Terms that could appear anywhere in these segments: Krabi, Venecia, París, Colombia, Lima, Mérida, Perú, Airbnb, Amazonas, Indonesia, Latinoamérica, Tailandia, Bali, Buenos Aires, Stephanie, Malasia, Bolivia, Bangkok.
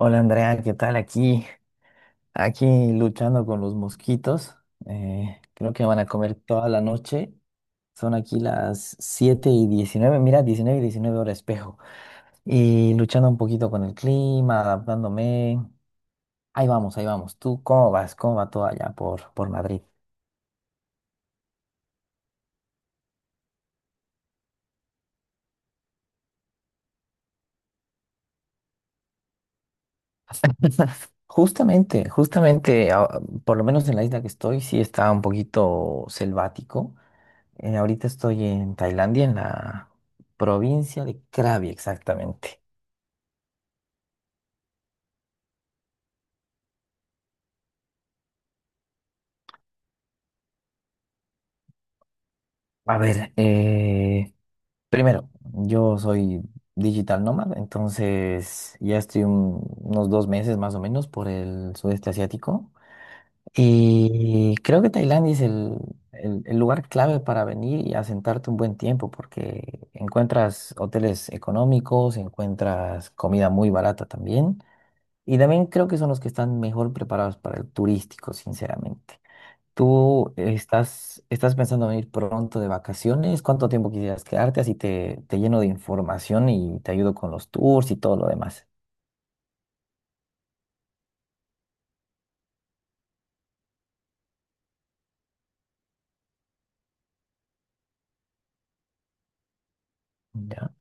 Hola Andrea, ¿qué tal? Aquí luchando con los mosquitos. Creo que van a comer toda la noche. Son aquí las 7 y 19. Mira, 19, y 19 horas espejo. Y luchando un poquito con el clima, adaptándome. Ahí vamos, ahí vamos. ¿Tú cómo vas? ¿Cómo va todo allá por Madrid? Justamente, justamente, ah, por lo menos en la isla que estoy, sí está un poquito selvático. Ahorita estoy en Tailandia, en la provincia de Krabi, exactamente. A ver, primero, yo soy digital nomad, entonces ya estoy unos dos meses más o menos por el sudeste asiático. Y creo que Tailandia es el lugar clave para venir y asentarte un buen tiempo, porque encuentras hoteles económicos, encuentras comida muy barata también. Y también creo que son los que están mejor preparados para el turístico, sinceramente. ¿Tú estás pensando en ir pronto de vacaciones? ¿Cuánto tiempo quisieras quedarte? Así te lleno de información y te ayudo con los tours y todo lo demás. ¿Ya?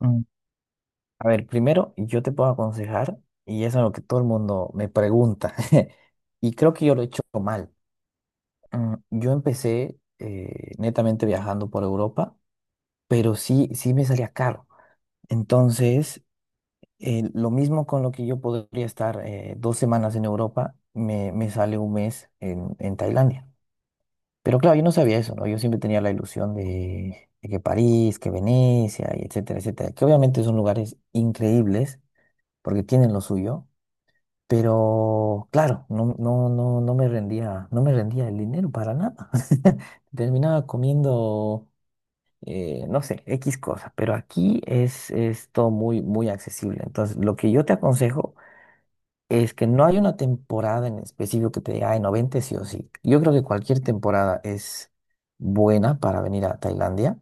Mm, A ver, primero yo te puedo aconsejar, y eso es lo que todo el mundo me pregunta, y creo que yo lo he hecho mal. Yo empecé netamente viajando por Europa, pero sí me salía caro. Entonces, lo mismo con lo que yo podría estar dos semanas en Europa, me sale un mes en Tailandia. Pero claro, yo no sabía eso, ¿no? Yo siempre tenía la ilusión de que París, que Venecia, y etcétera, etcétera, que obviamente son lugares increíbles porque tienen lo suyo, pero claro, no me rendía, no me rendía el dinero para nada. Terminaba comiendo, no sé, X cosas, pero aquí es todo muy, muy accesible. Entonces, lo que yo te aconsejo es que no hay una temporada en específico que te diga, ay, 90 sí o sí. Yo creo que cualquier temporada es buena para venir a Tailandia.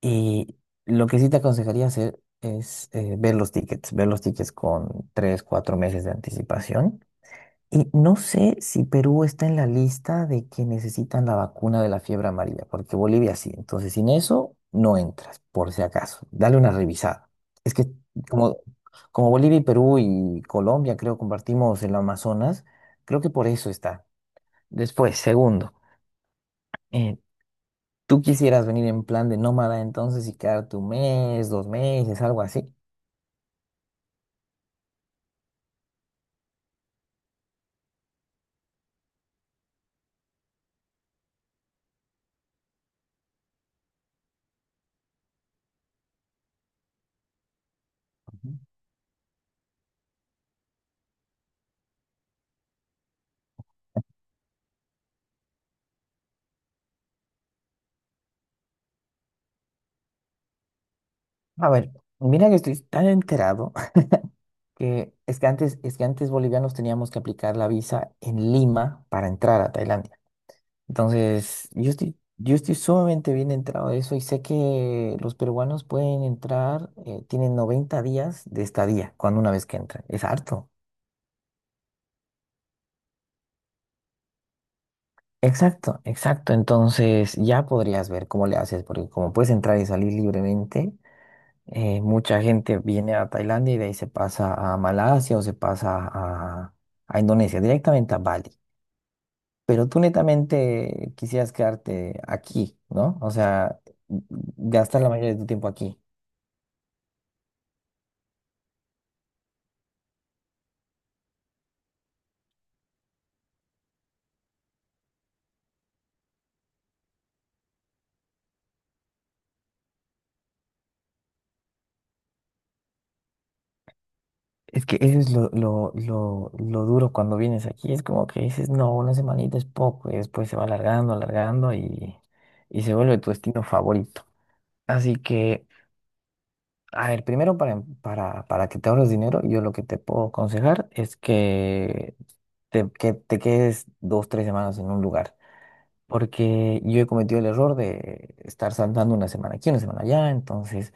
Y lo que sí te aconsejaría hacer es ver los tickets con 3 4 meses de anticipación y no sé si Perú está en la lista de que necesitan la vacuna de la fiebre amarilla, porque Bolivia sí. Entonces, sin eso, no entras, por si acaso. Dale una revisada. Es que como, como Bolivia y Perú y Colombia, creo, compartimos el Amazonas, creo que por eso está. Después, segundo, eh, ¿tú quisieras venir en plan de nómada entonces y quedarte un mes, dos meses, algo así? Ujú. A ver, mira que estoy tan enterado que es que antes bolivianos teníamos que aplicar la visa en Lima para entrar a Tailandia. Entonces, yo estoy sumamente bien entrado de eso y sé que los peruanos pueden entrar, tienen 90 días de estadía cuando una vez que entran. Es harto. Exacto, exacto. Entonces, ya podrías ver cómo le haces, porque como puedes entrar y salir libremente, mucha gente viene a Tailandia y de ahí se pasa a Malasia o a Indonesia, directamente a Bali. Pero tú netamente quisieras quedarte aquí, ¿no? O sea, gastar la mayoría de tu tiempo aquí. Es que eso es lo duro cuando vienes aquí. Es como que dices, no, una semanita es poco. Y después se va alargando, alargando y se vuelve tu destino favorito. Así que, a ver, primero para que te ahorres dinero, yo lo que te puedo aconsejar es que que te quedes dos, tres semanas en un lugar. Porque yo he cometido el error de estar saltando una semana aquí, una semana allá, entonces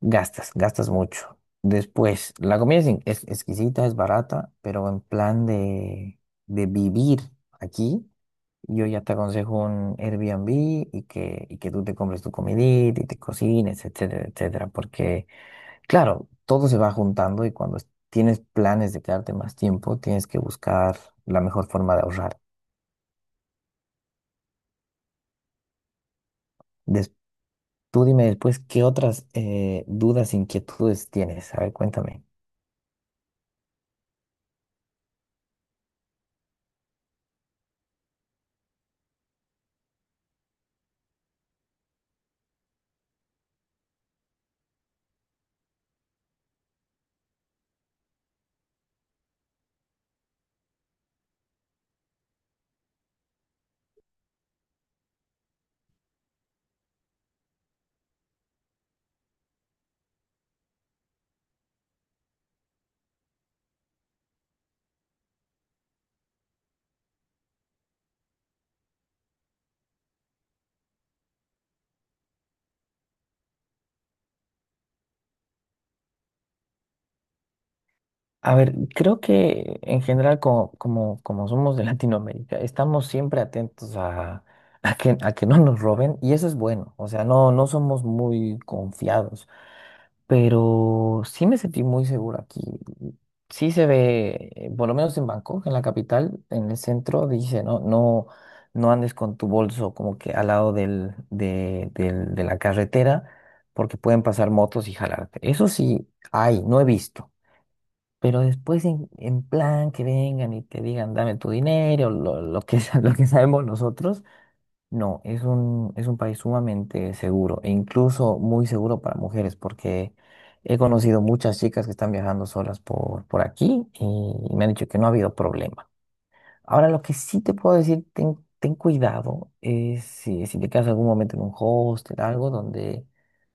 gastas mucho. Después, la comida es exquisita, es barata, pero en plan de vivir aquí, yo ya te aconsejo un Airbnb y que tú te compres tu comidita y te cocines, etcétera, etcétera. Porque, claro, todo se va juntando y cuando tienes planes de quedarte más tiempo, tienes que buscar la mejor forma de ahorrar. Tú dime después qué otras dudas, inquietudes tienes. A ver, cuéntame. A ver, creo que en general, como somos de Latinoamérica, estamos siempre atentos a que no nos roben y eso es bueno. O sea, no somos muy confiados. Pero sí me sentí muy seguro aquí. Sí se ve, por lo menos en Bangkok, en la capital, en el centro, dice, no andes con tu bolso como que al lado de la carretera, porque pueden pasar motos y jalarte. Eso sí hay, no he visto. Pero después en plan que vengan y te digan, dame tu dinero, lo que sabemos nosotros no, es un país sumamente seguro e incluso muy seguro para mujeres porque he conocido muchas chicas que están viajando solas por aquí y me han dicho que no ha habido problema. Ahora, lo que sí te puedo decir, ten cuidado, es si te quedas algún momento en un hostel, algo donde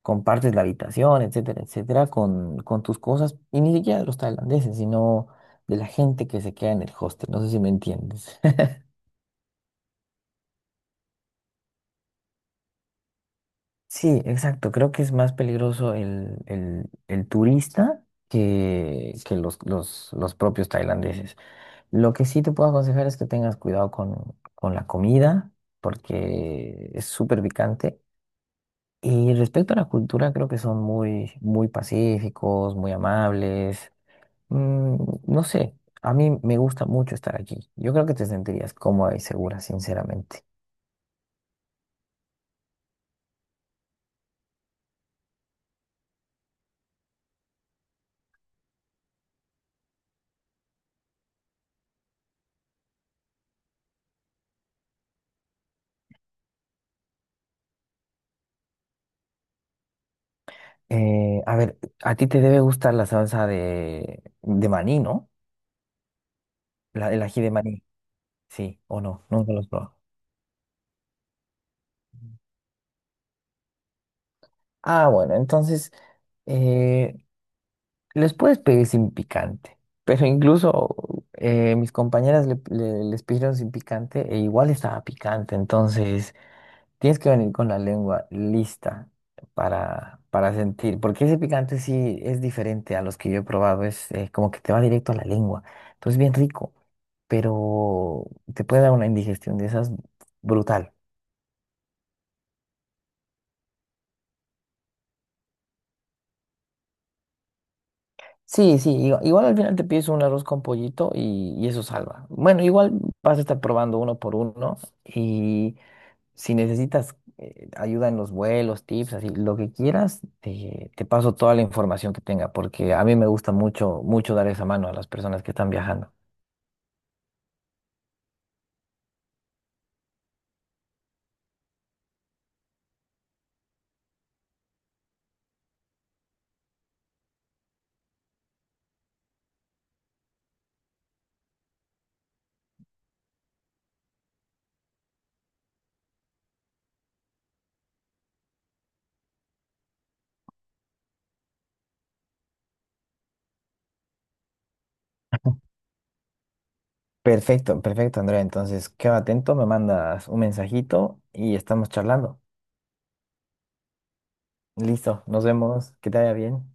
compartes la habitación, etcétera, etcétera, con tus cosas y ni siquiera de los tailandeses, sino de la gente que se queda en el hostel. No sé si me entiendes. Sí, exacto. Creo que es más peligroso el turista que los propios tailandeses. Lo que sí te puedo aconsejar es que tengas cuidado con la comida, porque es súper picante. Y respecto a la cultura, creo que son muy, muy pacíficos, muy amables. Mm, no sé, a mí me gusta mucho estar aquí. Yo creo que te sentirías cómoda y segura, sinceramente. A ver, a ti te debe gustar la salsa de maní, ¿no? El ají de maní, sí, o no, nunca los probado. Mm. Ah, bueno, entonces eh, les puedes pedir sin picante, pero incluso mis compañeras les pidieron sin picante e igual estaba picante, entonces tienes que venir con la lengua lista para sentir, porque ese picante sí es diferente a los que yo he probado, es como que te va directo a la lengua, entonces bien rico, pero te puede dar una indigestión de esas brutal. Sí, sí, igual, al final te pides un arroz con pollito y eso salva. Bueno, igual vas a estar probando uno por uno y si necesitas ayuda en los vuelos, tips, así, lo que quieras, te paso toda la información que tenga, porque a mí me gusta mucho dar esa mano a las personas que están viajando. Perfecto, perfecto, Andrea. Entonces, queda atento, me mandas un mensajito y estamos charlando. Listo, nos vemos, que te vaya bien.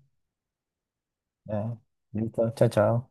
Ya, listo, chao, chao.